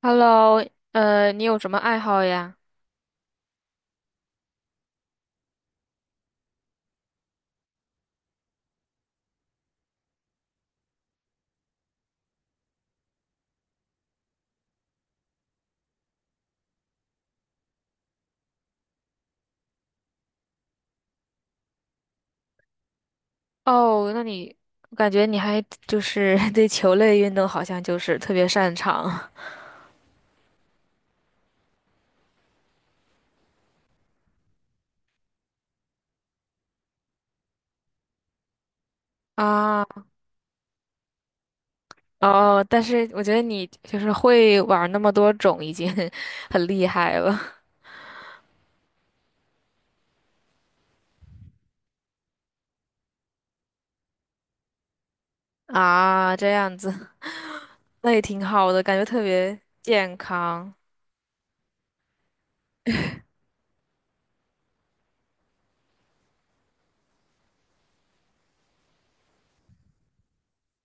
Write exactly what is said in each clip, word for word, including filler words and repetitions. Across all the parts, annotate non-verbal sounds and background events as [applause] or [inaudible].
Hello，呃，你有什么爱好呀？哦，那你我感觉你还就是 [laughs] 对球类运动好像就是特别擅长。 [laughs] 啊。哦，但是我觉得你就是会玩那么多种，已经 [laughs] 很厉害了。啊，这样子，[laughs] 那也挺好的，感觉特别健康。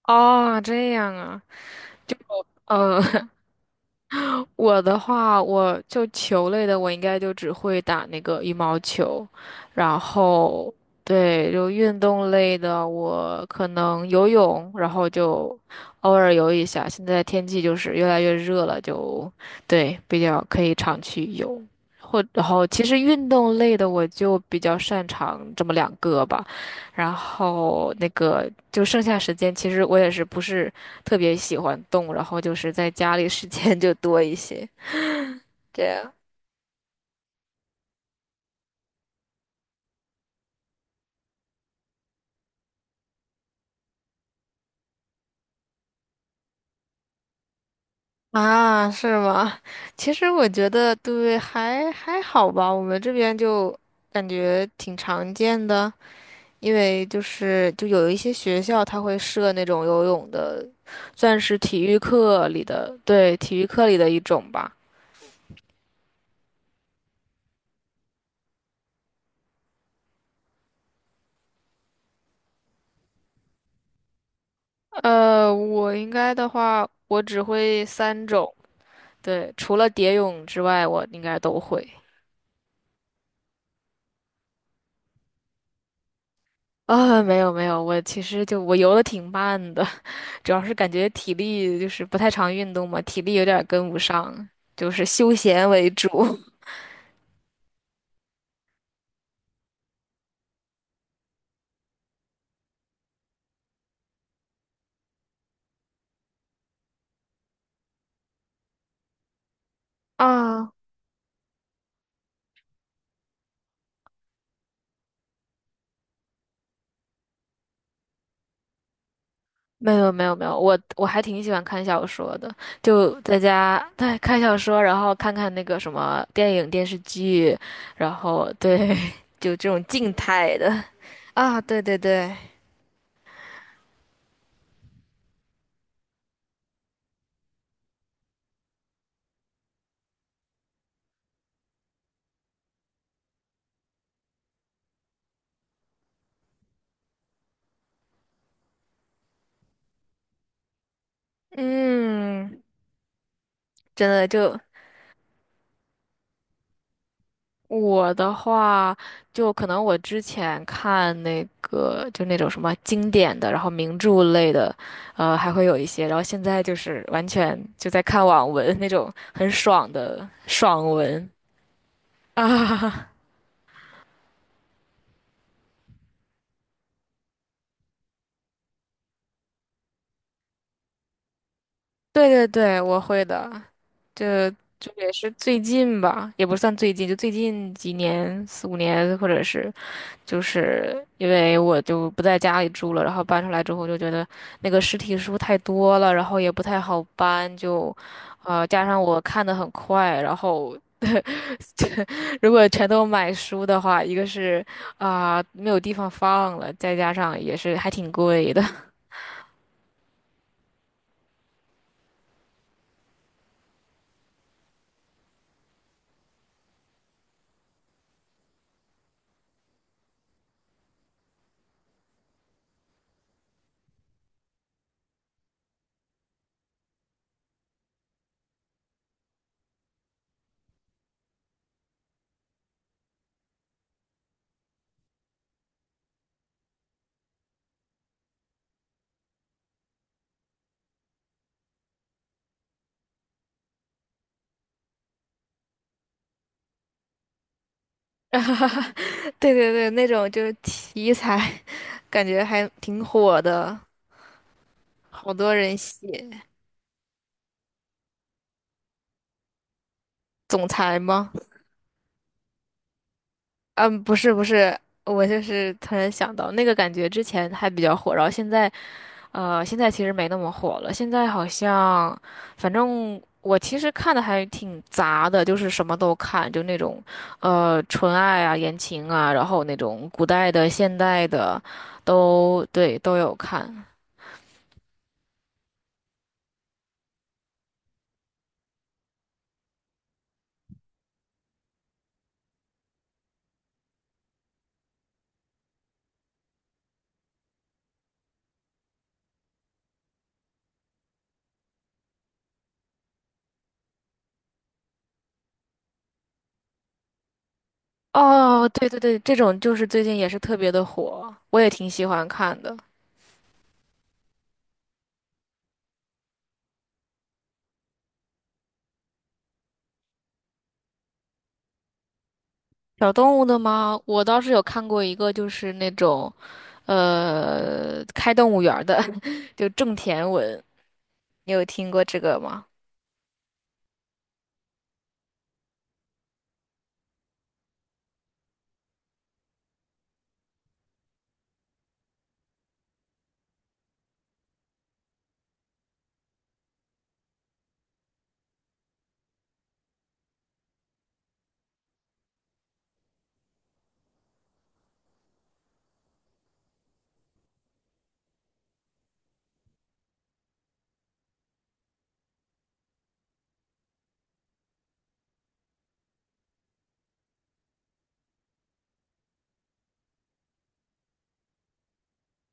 哦，这样啊。哦，[laughs] 我的话，我就球类的，我应该就只会打那个羽毛球，然后对，就运动类的，我可能游泳，然后就偶尔游一下。现在天气就是越来越热了，就对，比较可以常去游。或然后其实运动类的我就比较擅长这么两个吧，然后那个就剩下时间，其实我也是不是特别喜欢动，然后就是在家里时间 [laughs] 就多一些。这样。啊，是吗？其实我觉得对，还还好吧。我们这边就感觉挺常见的，因为就是就有一些学校它会设那种游泳的，算是体育课里的，对，体育课里的一种吧。呃，我应该的话，我只会三种，对，除了蝶泳之外，我应该都会。啊，没有没有，我其实就我游的挺慢的，[laughs] 主要是感觉体力就是不太常运动嘛，体力有点儿跟不上，就是休闲为主。[laughs] 啊，没有没有没有，我我还挺喜欢看小说的，就在家对看小说，然后看看那个什么电影电视剧，然后对 [laughs]，就这种静态的。啊，对对对。嗯，真的就我的话，就可能我之前看那个，就那种什么经典的，然后名著类的，呃，还会有一些。然后现在就是完全就在看网文那种很爽的爽文啊。[laughs] 对对对，我会的。这就也是最近吧，也不算最近，就最近几年，四五年，或者是就是因为我就不在家里住了，然后搬出来之后就觉得那个实体书太多了，然后也不太好搬，就，呃，加上我看的很快，然后 [laughs] 如果全都买书的话，一个是啊、没有地方放了，再加上也是还挺贵的。[laughs] 对对对，那种就是题材 [laughs]，感觉还挺火的，好多人写总裁吗？嗯，不是不是，我就是突然想到那个感觉，之前还比较火，然后现在呃，现在其实没那么火了。现在好像，反正我其实看的还挺杂的，就是什么都看，就那种呃纯爱啊、言情啊，然后那种古代的、现代的，都对都有看。哦，对对对，这种就是最近也是特别的火，我也挺喜欢看的。小动物的吗？我倒是有看过一个，就是那种。呃，开动物园儿的，[laughs] 就种田文，你有听过这个吗？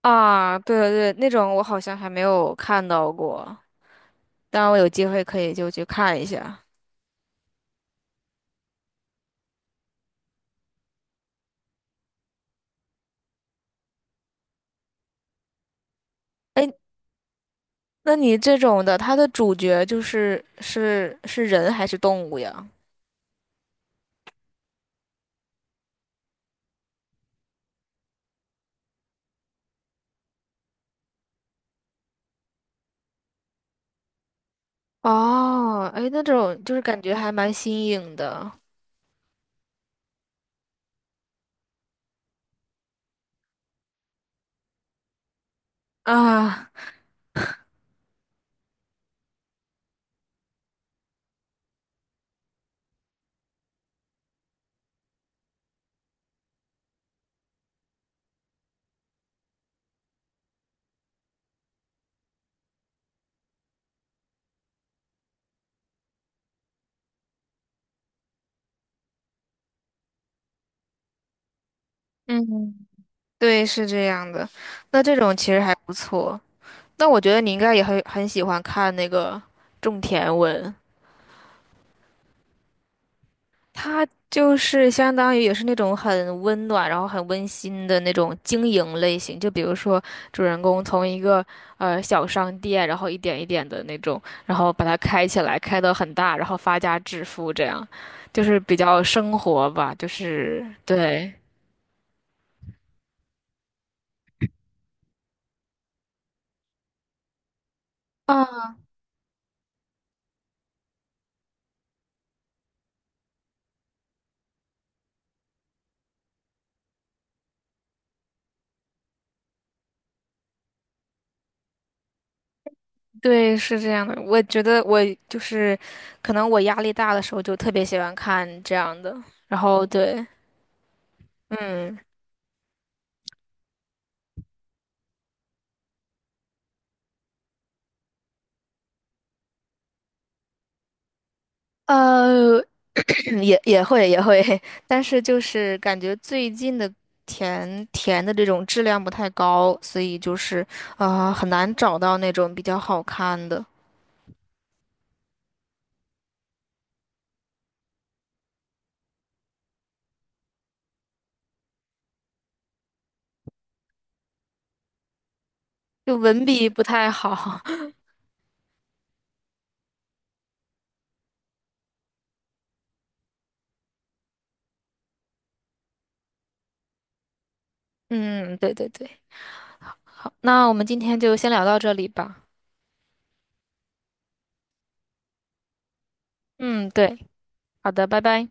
啊，对对对，那种我好像还没有看到过，当然我有机会可以就去看一下。哎，那你这种的，它的主角就是是是人还是动物呀？哦，哎，那种就是感觉还蛮新颖的啊。嗯，对，是这样的。那这种其实还不错。那我觉得你应该也很很喜欢看那个种田文。它就是相当于也是那种很温暖，然后很温馨的那种经营类型。就比如说，主人公从一个呃小商店，然后一点一点的那种，然后把它开起来，开得很大，然后发家致富，这样就是比较生活吧，就是对。啊，对，是这样的。我觉得我就是，可能我压力大的时候就特别喜欢看这样的。然后对。嗯。呃，嗯也也会也会，[laughs] 但是就是感觉最近的甜填的这种质量不太高，所以就是啊、呃很难找到那种比较好看的，就文笔不太好。[laughs] 嗯，对对对，好，那我们今天就先聊到这里吧。嗯，对，好的，拜拜。